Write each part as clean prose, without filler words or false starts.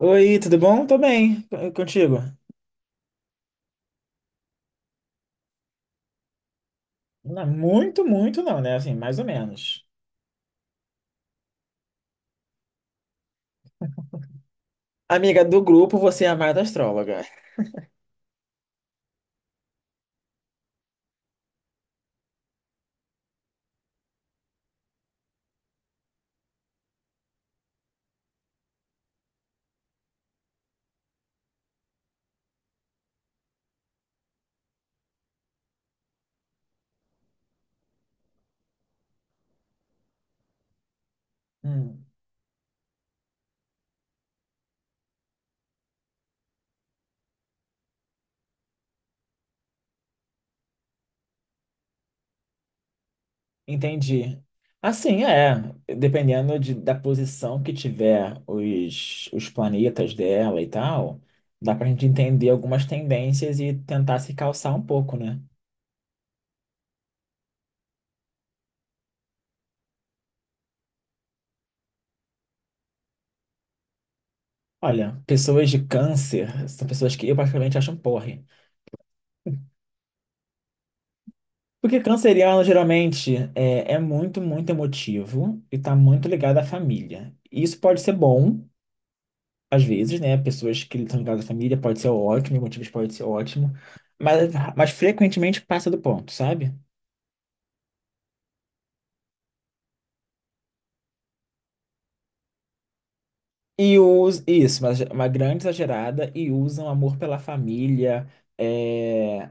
Oi, tudo bom? Tô bem, e contigo? Não, muito, muito não, né? Assim, mais ou menos. Amiga do grupo, você é a mais astróloga. Hum, Entendi. Assim, é, dependendo da posição que tiver os planetas dela e tal, dá pra gente entender algumas tendências e tentar se calçar um pouco, né? Olha, pessoas de câncer são pessoas que eu particularmente acho um porre. Porque canceriano geralmente é muito, muito emotivo e tá muito ligado à família. E isso pode ser bom, às vezes, né? Pessoas que estão ligadas à família pode ser ótimo, motivos pode ser ótimo, mas, mas frequentemente passa do ponto, sabe? E isso, mas uma grande exagerada e usam amor pela família, é,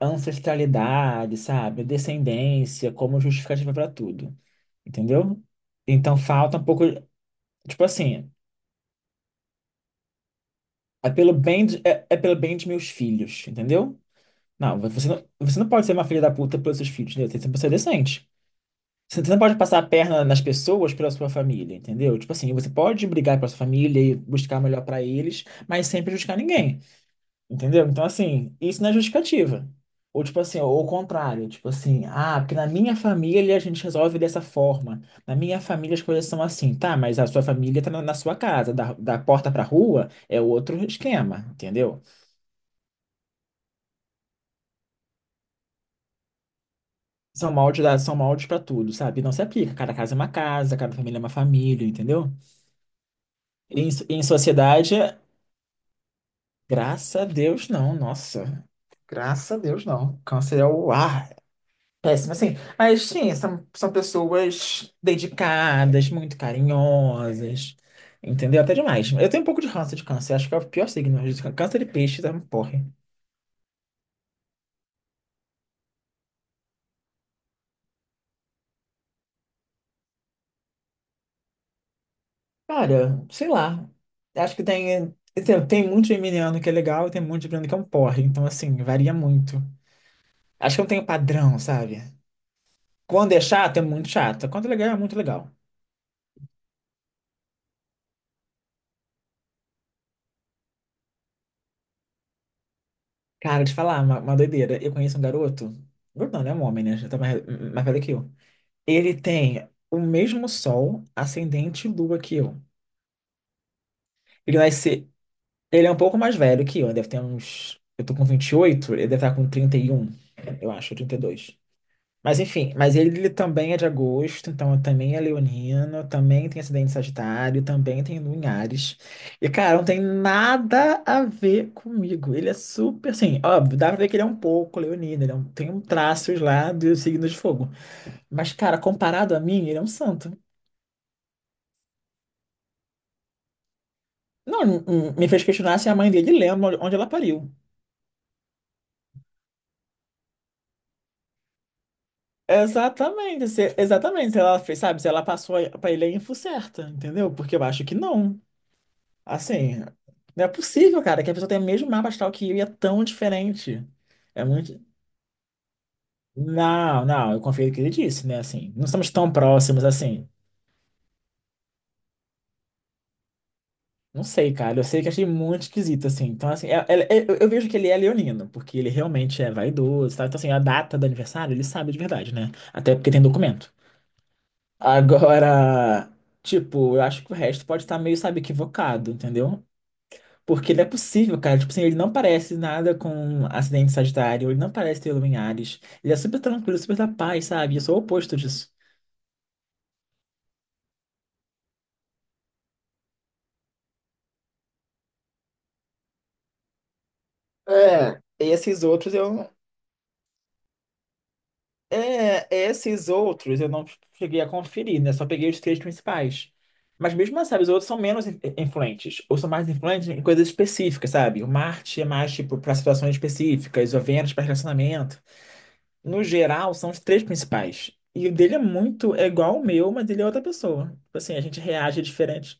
ancestralidade, sabe? Descendência como justificativa para tudo, entendeu? Então falta um pouco, tipo assim. É pelo bem de, é, é pelo bem de meus filhos, entendeu? Não, você não pode ser uma filha da puta pelos seus filhos, entendeu? Você tem que ser uma pessoa decente. Você não pode passar a perna nas pessoas pela sua família, entendeu? Tipo assim, você pode brigar pela sua família e buscar o melhor pra eles, mas sem prejudicar ninguém, entendeu? Então, assim, isso não é justificativa. Ou, tipo assim, ou o contrário, tipo assim, ah, porque na minha família a gente resolve dessa forma. Na minha família as coisas são assim, tá? Mas a sua família tá na sua casa, da porta pra rua é outro esquema, entendeu? São moldes, são moldes para tudo, sabe? Não se aplica. Cada casa é uma casa, cada família é uma família, entendeu? Em sociedade, graças a Deus, não. Nossa, graças a Deus, não. Câncer é o ar. Péssimo, assim. Mas, sim, são pessoas dedicadas, muito carinhosas, entendeu? Até demais. Eu tenho um pouco de ranço de câncer. Acho que é o pior signo. Câncer de peixe, tá? Porra. Cara, sei lá. Acho que tem. Tem muito geminiano que é legal e tem muito geminiano que é um porre. Então, assim, varia muito. Acho que eu tenho padrão, sabe? Quando é chato, é muito chato. Quando é legal, é muito legal. Cara, de falar, uma doideira. Eu conheço um garoto. Garoto não, né? É um homem, né? Já tá mais velho que eu. Ele tem o mesmo sol, ascendente e lua que eu. Ele vai ser. Ele é um pouco mais velho que eu. Deve ter uns. Eu tô com 28, ele deve estar com 31, eu acho, 32. Mas enfim, mas ele também é de agosto, então também é leonino, também tem acidente em Sagitário, também tem Lua em Ares. E, cara, não tem nada a ver comigo. Ele é super, assim, óbvio, dá pra ver que ele é um pouco leonino, ele é tem um traços lá do signo de fogo. Mas, cara, comparado a mim, ele é um santo. Não, me fez questionar se a mãe dele lembra onde ela pariu. Exatamente, exatamente. Se ela fez, sabe, se ela passou pra ele a info certa, entendeu? Porque eu acho que não. Assim, não é possível, cara, que a pessoa tenha o mesmo mapa astral que eu e é tão diferente. É muito. Não, não, eu confio no que ele disse, né? Assim, não somos tão próximos assim. Não sei, cara, eu sei que achei muito esquisito, assim. Então, assim, eu vejo que ele é leonino, porque ele realmente é vaidoso, tá? Então, assim, a data do aniversário ele sabe de verdade, né? Até porque tem documento. Agora, tipo, eu acho que o resto pode estar meio, sabe, equivocado, entendeu? Porque não é possível, cara. Tipo assim, ele não parece nada com acidente de Sagitário, ele não parece ter Lua em Ares. Ele é super tranquilo, super da paz, sabe? Eu sou o oposto disso. É, esses outros eu. É, esses outros eu não cheguei a conferir, né? Só peguei os três principais. Mas mesmo assim, sabe, os outros são menos influentes, ou são mais influentes em coisas específicas, sabe? O Marte é mais, tipo, para situações específicas, o Vênus para relacionamento. No geral, são os três principais. E o dele é muito, é igual ao meu, mas ele é outra pessoa. Tipo assim, a gente reage diferente.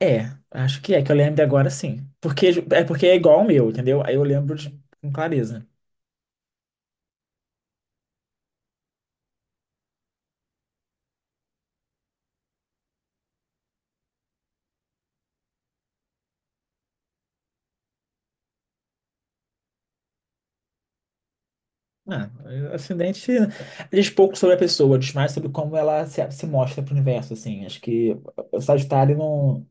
É, acho que é, que eu lembro agora sim. Porque é igual ao meu, entendeu? Aí eu lembro de, com clareza. Ah, acidente diz pouco sobre a pessoa, diz mais sobre como ela se mostra pro universo, assim. Acho que o Sagitário não.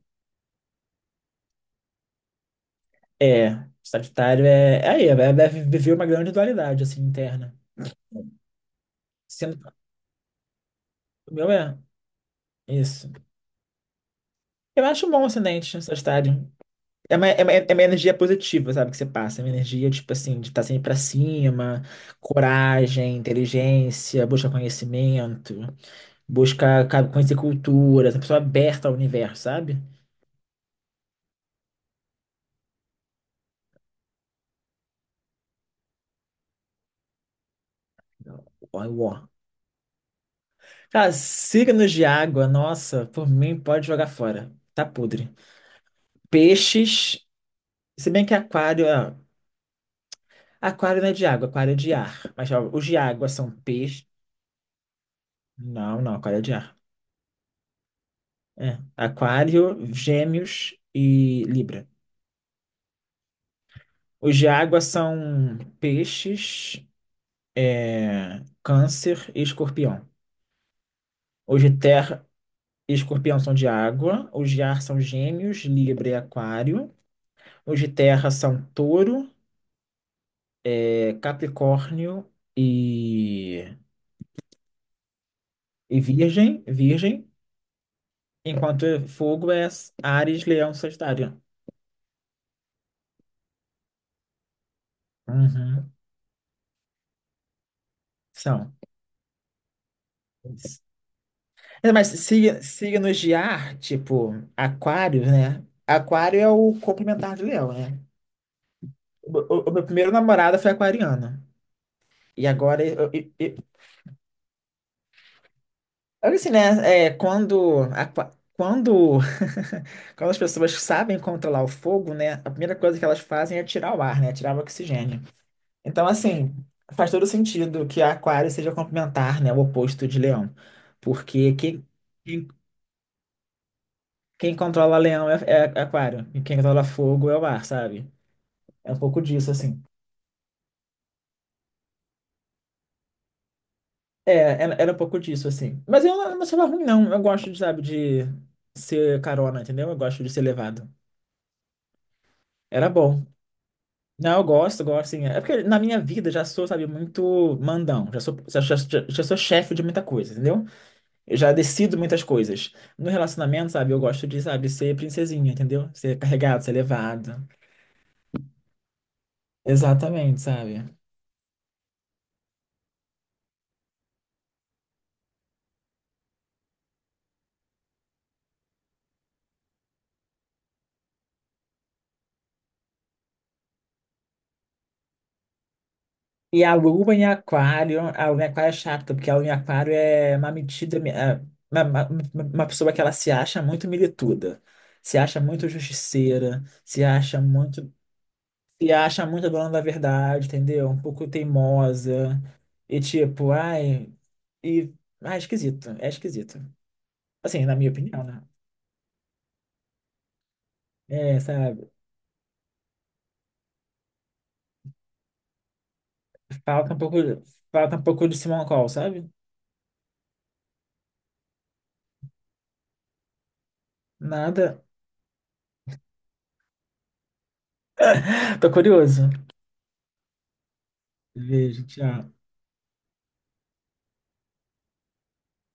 É, o Sagitário é. É aí, deve viver uma grande dualidade, assim, interna. Sendo, o meu é. Isso. Eu acho bom o ascendente, o Sagitário. É uma energia positiva, sabe? Que você passa. É uma energia, tipo assim, de estar sempre pra cima, coragem, inteligência, busca conhecimento, busca conhecer culturas, uma pessoa aberta ao universo, sabe? Ó, ó. Cara, signos de água, nossa, por mim pode jogar fora. Tá podre. Peixes, se bem que aquário, ah, aquário não é de água, aquário é de ar. Mas ó, os de água são peixe. Não, não, aquário é de ar. É. Aquário, Gêmeos e Libra. Os de água são peixes, câncer e escorpião. Os de terra e escorpião são de água. Os de ar são gêmeos, libra e aquário. Os de terra são touro, capricórnio e, e, virgem, virgem. Enquanto fogo é Áries, leão, sagitário. Uhum, são. É, mas signos de ar, tipo aquário, né? Aquário é o complementar de leão, né? O meu primeiro namorado foi aquariano. E agora, assim, né? É, quando as pessoas sabem controlar o fogo, né? A primeira coisa que elas fazem é tirar o ar, né? Tirar o oxigênio. Então, assim, faz todo sentido que a aquário seja complementar, né? O oposto de leão. Porque quem, quem controla leão é aquário. E quem controla fogo é o ar, sabe? É um pouco disso, assim. É, era um pouco disso, assim. Mas eu não achava ruim, não. Eu gosto, de, sabe, de ser carona, entendeu? Eu gosto de ser levado. Era bom. Não, eu gosto, gosto, sim. É porque na minha vida já sou, sabe, muito mandão. Já sou, já sou chefe de muita coisa, entendeu? Eu já decido muitas coisas. No relacionamento, sabe, eu gosto de, sabe, ser princesinha, entendeu? Ser carregado, ser levado. Exatamente, sabe? E a lua em aquário, a lua em aquário é chata, porque a lua em aquário é uma metida, é uma pessoa que ela se acha muito milituda, se acha muito justiceira, se acha muito dona da verdade, entendeu? Um pouco teimosa, e tipo, ai, e, ai, esquisito, é esquisito. Assim, na minha opinião, né? É, sabe, falta um pouco, falta um pouco de Simon Cowell, sabe? Nada. Tô curioso. Vejo, tchau.